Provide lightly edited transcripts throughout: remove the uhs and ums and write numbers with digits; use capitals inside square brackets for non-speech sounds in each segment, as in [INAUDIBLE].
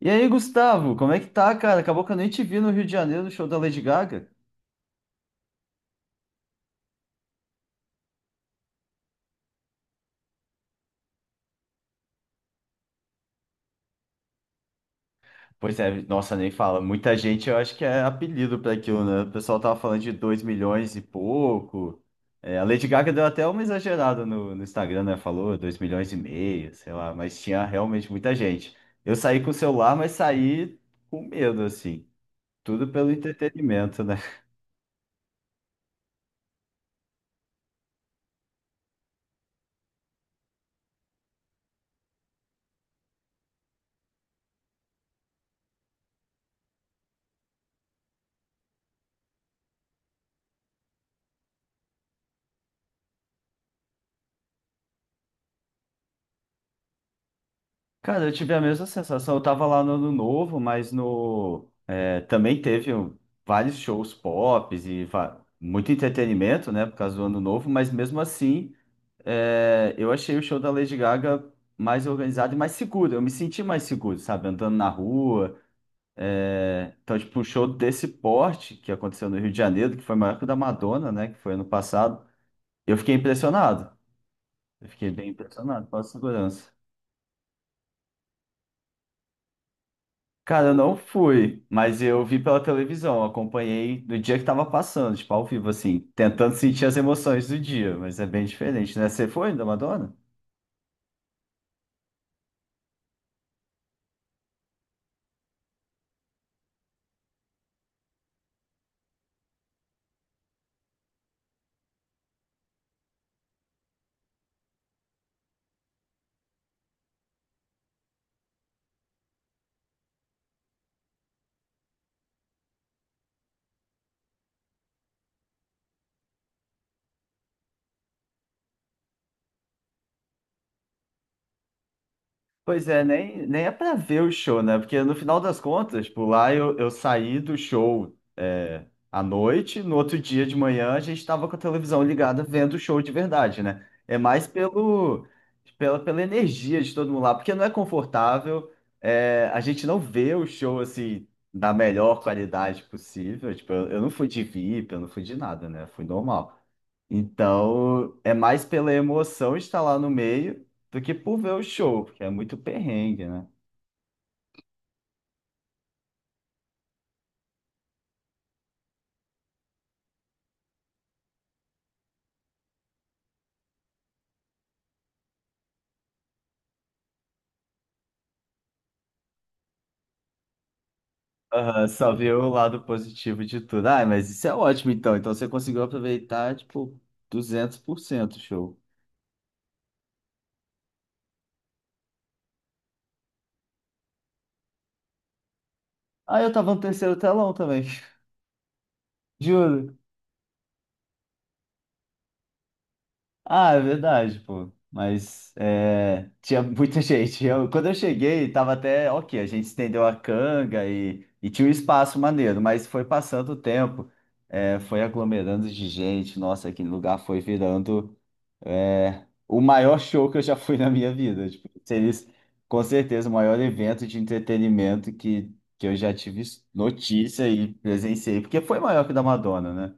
E aí, Gustavo, como é que tá, cara? Acabou que eu nem te vi no Rio de Janeiro no show da Lady Gaga. Pois é, nossa, nem fala. Muita gente, eu acho que é apelido para aquilo, né? O pessoal tava falando de 2 milhões e pouco. É, a Lady Gaga deu até uma exagerada no Instagram, né? Falou 2,5 milhões, sei lá, mas tinha realmente muita gente. Eu saí com o celular, mas saí com medo, assim. Tudo pelo entretenimento, né? Cara, eu tive a mesma sensação. Eu tava lá no Ano Novo, mas no, é, também teve vários shows pop e muito entretenimento, né, por causa do Ano Novo. Mas mesmo assim, eu achei o show da Lady Gaga mais organizado e mais seguro. Eu me senti mais seguro, sabe, andando na rua. Então, tipo, um show desse porte que aconteceu no Rio de Janeiro, que foi maior que o da Madonna, né, que foi ano passado. Eu fiquei impressionado. Eu fiquei bem impressionado com a segurança. Cara, eu não fui, mas eu vi pela televisão, acompanhei no dia que tava passando, tipo, ao vivo, assim, tentando sentir as emoções do dia, mas é bem diferente, né? Você foi da Madonna? Pois é, nem é pra ver o show, né? Porque no final das contas, por lá eu saí do show à noite, no outro dia de manhã a gente estava com a televisão ligada vendo o show de verdade, né? É mais pelo, pela, pela energia de todo mundo lá, porque não é confortável, a gente não vê o show assim da melhor qualidade possível. Tipo, eu não fui de VIP, eu não fui de nada, né? Fui normal. Então, é mais pela emoção de estar lá no meio do que por ver o show, porque é muito perrengue, né? Aham, só ver o lado positivo de tudo. Ah, mas isso é ótimo então. Então você conseguiu aproveitar, tipo, 200% o show. Ah, eu tava no terceiro telão também, [LAUGHS] juro. Ah, é verdade, pô. Mas é, tinha muita [LAUGHS] gente. Quando eu cheguei, tava até ok. A gente estendeu a canga e tinha um espaço maneiro, mas foi passando o tempo, foi aglomerando de gente. Nossa, aquele lugar foi virando. É o maior show que eu já fui na minha vida. Tipo, seria com certeza o maior evento de entretenimento que eu já tive notícia e presenciei, porque foi maior que o da Madonna, né?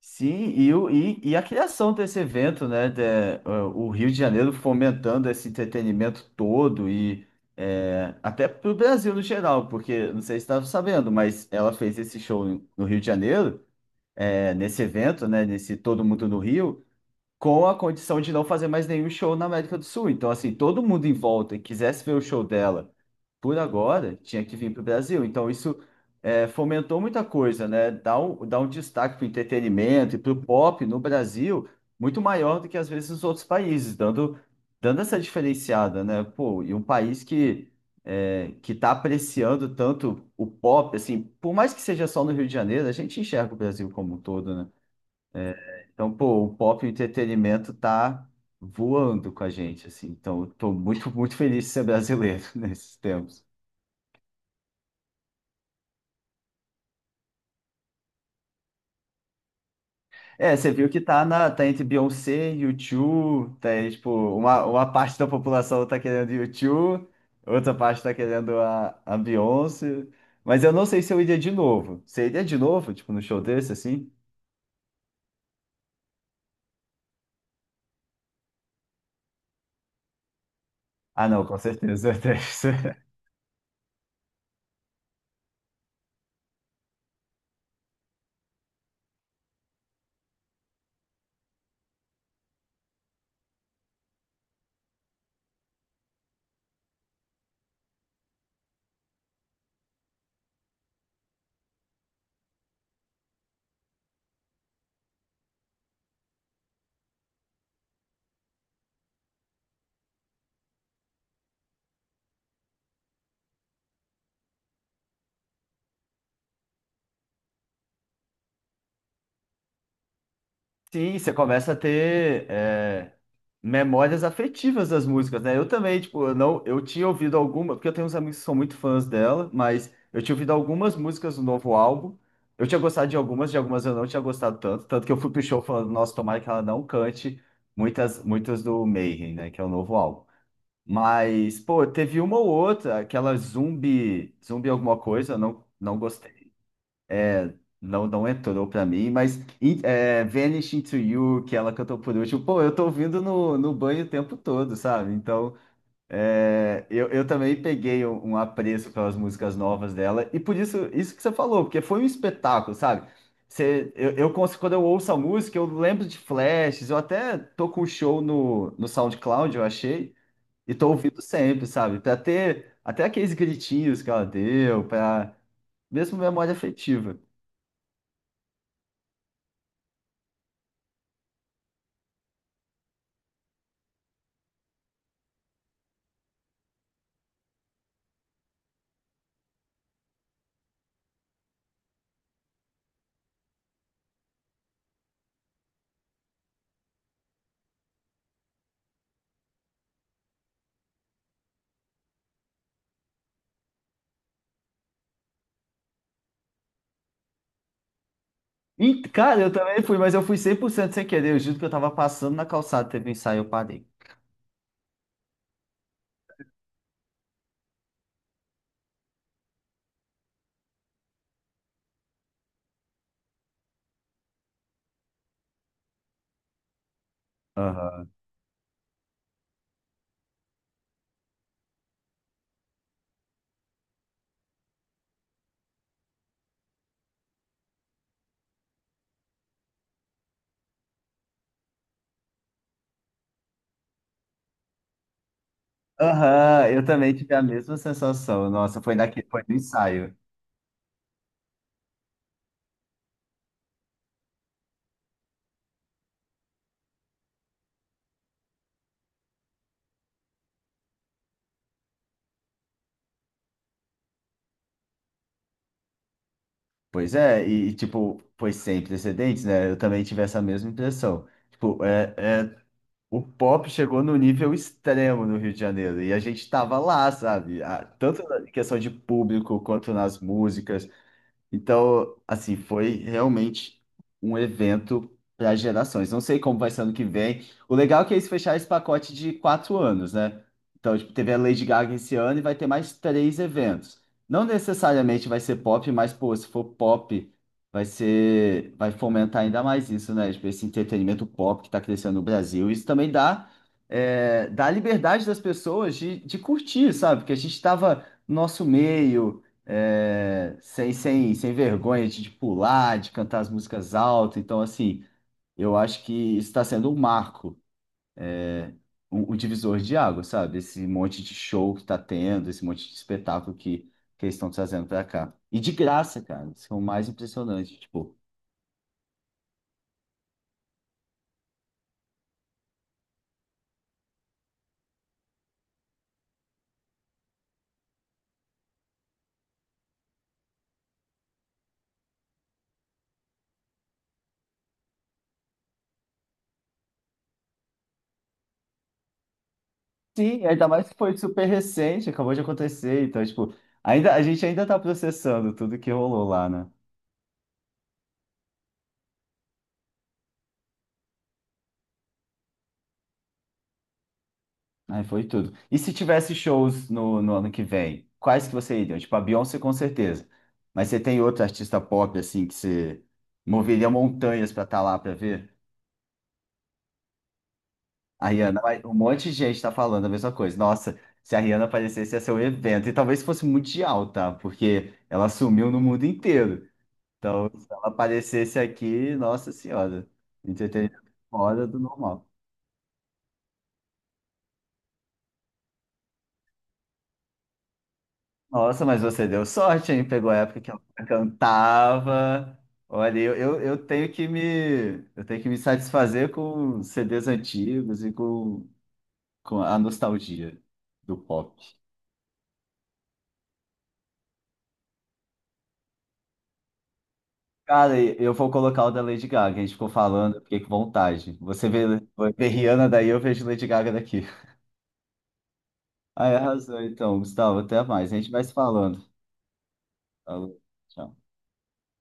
Sim, e a criação desse evento, né? O Rio de Janeiro fomentando esse entretenimento todo e até para o Brasil no geral, porque não sei se estava sabendo, mas ela fez esse show no Rio de Janeiro, nesse evento, né? Nesse Todo Mundo no Rio, com a condição de não fazer mais nenhum show na América do Sul. Então, assim, todo mundo em volta que quisesse ver o show dela por agora tinha que vir para o Brasil. Então, isso fomentou muita coisa, né? Dá um destaque para o entretenimento e para o pop no Brasil muito maior do que às vezes os outros países, dando essa diferenciada, né? Pô, e um país que. Que está apreciando tanto o pop, assim, por mais que seja só no Rio de Janeiro, a gente enxerga o Brasil como um todo, né? Então, pô, o pop e o entretenimento tá voando com a gente, assim. Então, eu tô muito, [LAUGHS] muito feliz de ser brasileiro [LAUGHS] nesses tempos. É, você viu que tá entre Beyoncé, U2, tá, aí, tipo, uma parte da população tá querendo U2, outra parte tá querendo a Beyoncé. Mas eu não sei se eu iria de novo. Você iria de novo, tipo, no show desse, assim? Ah, não, com certeza. [LAUGHS] Sim, você começa a ter memórias afetivas das músicas, né? Eu também, tipo, eu não, eu tinha ouvido alguma, porque eu tenho uns amigos que são muito fãs dela, mas eu tinha ouvido algumas músicas do novo álbum. Eu tinha gostado de algumas eu não tinha gostado tanto, tanto que eu fui pro show falando, nossa, tomara que ela não cante muitas, muitas do Mayhem, né? Que é o novo álbum. Mas, pô, teve uma ou outra, aquela zumbi, zumbi alguma coisa, eu não gostei. Não, não entrou pra mim, mas Vanish Into You, que ela cantou por último, pô, eu tô ouvindo no banho o tempo todo, sabe? Então, eu também peguei um apreço pelas músicas novas dela, e por isso, isso que você falou, porque foi um espetáculo, sabe? Você, eu, cons- Quando eu ouço a música, eu lembro de flashes, eu até tô com o show no SoundCloud, eu achei, e tô ouvindo sempre, sabe? Pra ter até aqueles gritinhos que ela deu, pra mesmo memória afetiva. Ih, cara, eu também fui, mas eu fui 100% sem querer. Eu juro que eu tava passando na calçada, teve um ensaio, eu parei. Aham. Aham, eu também tive a mesma sensação. Nossa, foi no ensaio. Pois é, e, tipo, foi sem precedentes, né? Eu também tive essa mesma impressão. Tipo, o pop chegou no nível extremo no Rio de Janeiro, e a gente tava lá, sabe? Ah, tanto na questão de público quanto nas músicas. Então, assim, foi realmente um evento para gerações. Não sei como vai ser ano que vem. O legal é que eles fecharam esse pacote de 4 anos, né? Então, tipo, teve a Lady Gaga esse ano e vai ter mais três eventos. Não necessariamente vai ser pop, mas, pô, se for pop, vai ser, vai fomentar ainda mais isso, né? Tipo, esse entretenimento pop que está crescendo no Brasil. Isso também dá liberdade das pessoas de curtir, sabe? Porque a gente estava no nosso meio sem vergonha de pular, de cantar as músicas alto. Então, assim, eu acho que isso está sendo um marco, um divisor de água, sabe? Esse monte de show que está tendo, esse monte de espetáculo que eles estão trazendo para cá. E de graça, cara, isso é o mais impressionante, tipo. Sim, ainda mais que foi super recente, acabou de acontecer, então, tipo, ainda, a gente ainda tá processando tudo que rolou lá, né? Aí foi tudo. E se tivesse shows no ano que vem, quais que você iria? Tipo, a Beyoncé com certeza. Mas você tem outro artista pop, assim, que você moveria montanhas pra estar lá pra ver? A Rihanna, mas um monte de gente tá falando a mesma coisa. Nossa, se a Rihanna aparecesse, ia ser um evento. E talvez fosse mundial, tá? Porque ela sumiu no mundo inteiro. Então, se ela aparecesse aqui, nossa senhora, entretenimento fora do normal. Nossa, mas você deu sorte, hein? Pegou a época que ela cantava. Olha, eu tenho que me satisfazer com CDs antigos e com a nostalgia do pop. Cara, e eu vou colocar o da Lady Gaga. A gente ficou falando, eu fiquei com vontade. Você vê Rihanna daí, eu vejo Lady Gaga daqui. [LAUGHS] Aí arrasou, então, Gustavo. Até mais. A gente vai se falando. Falou, tchau.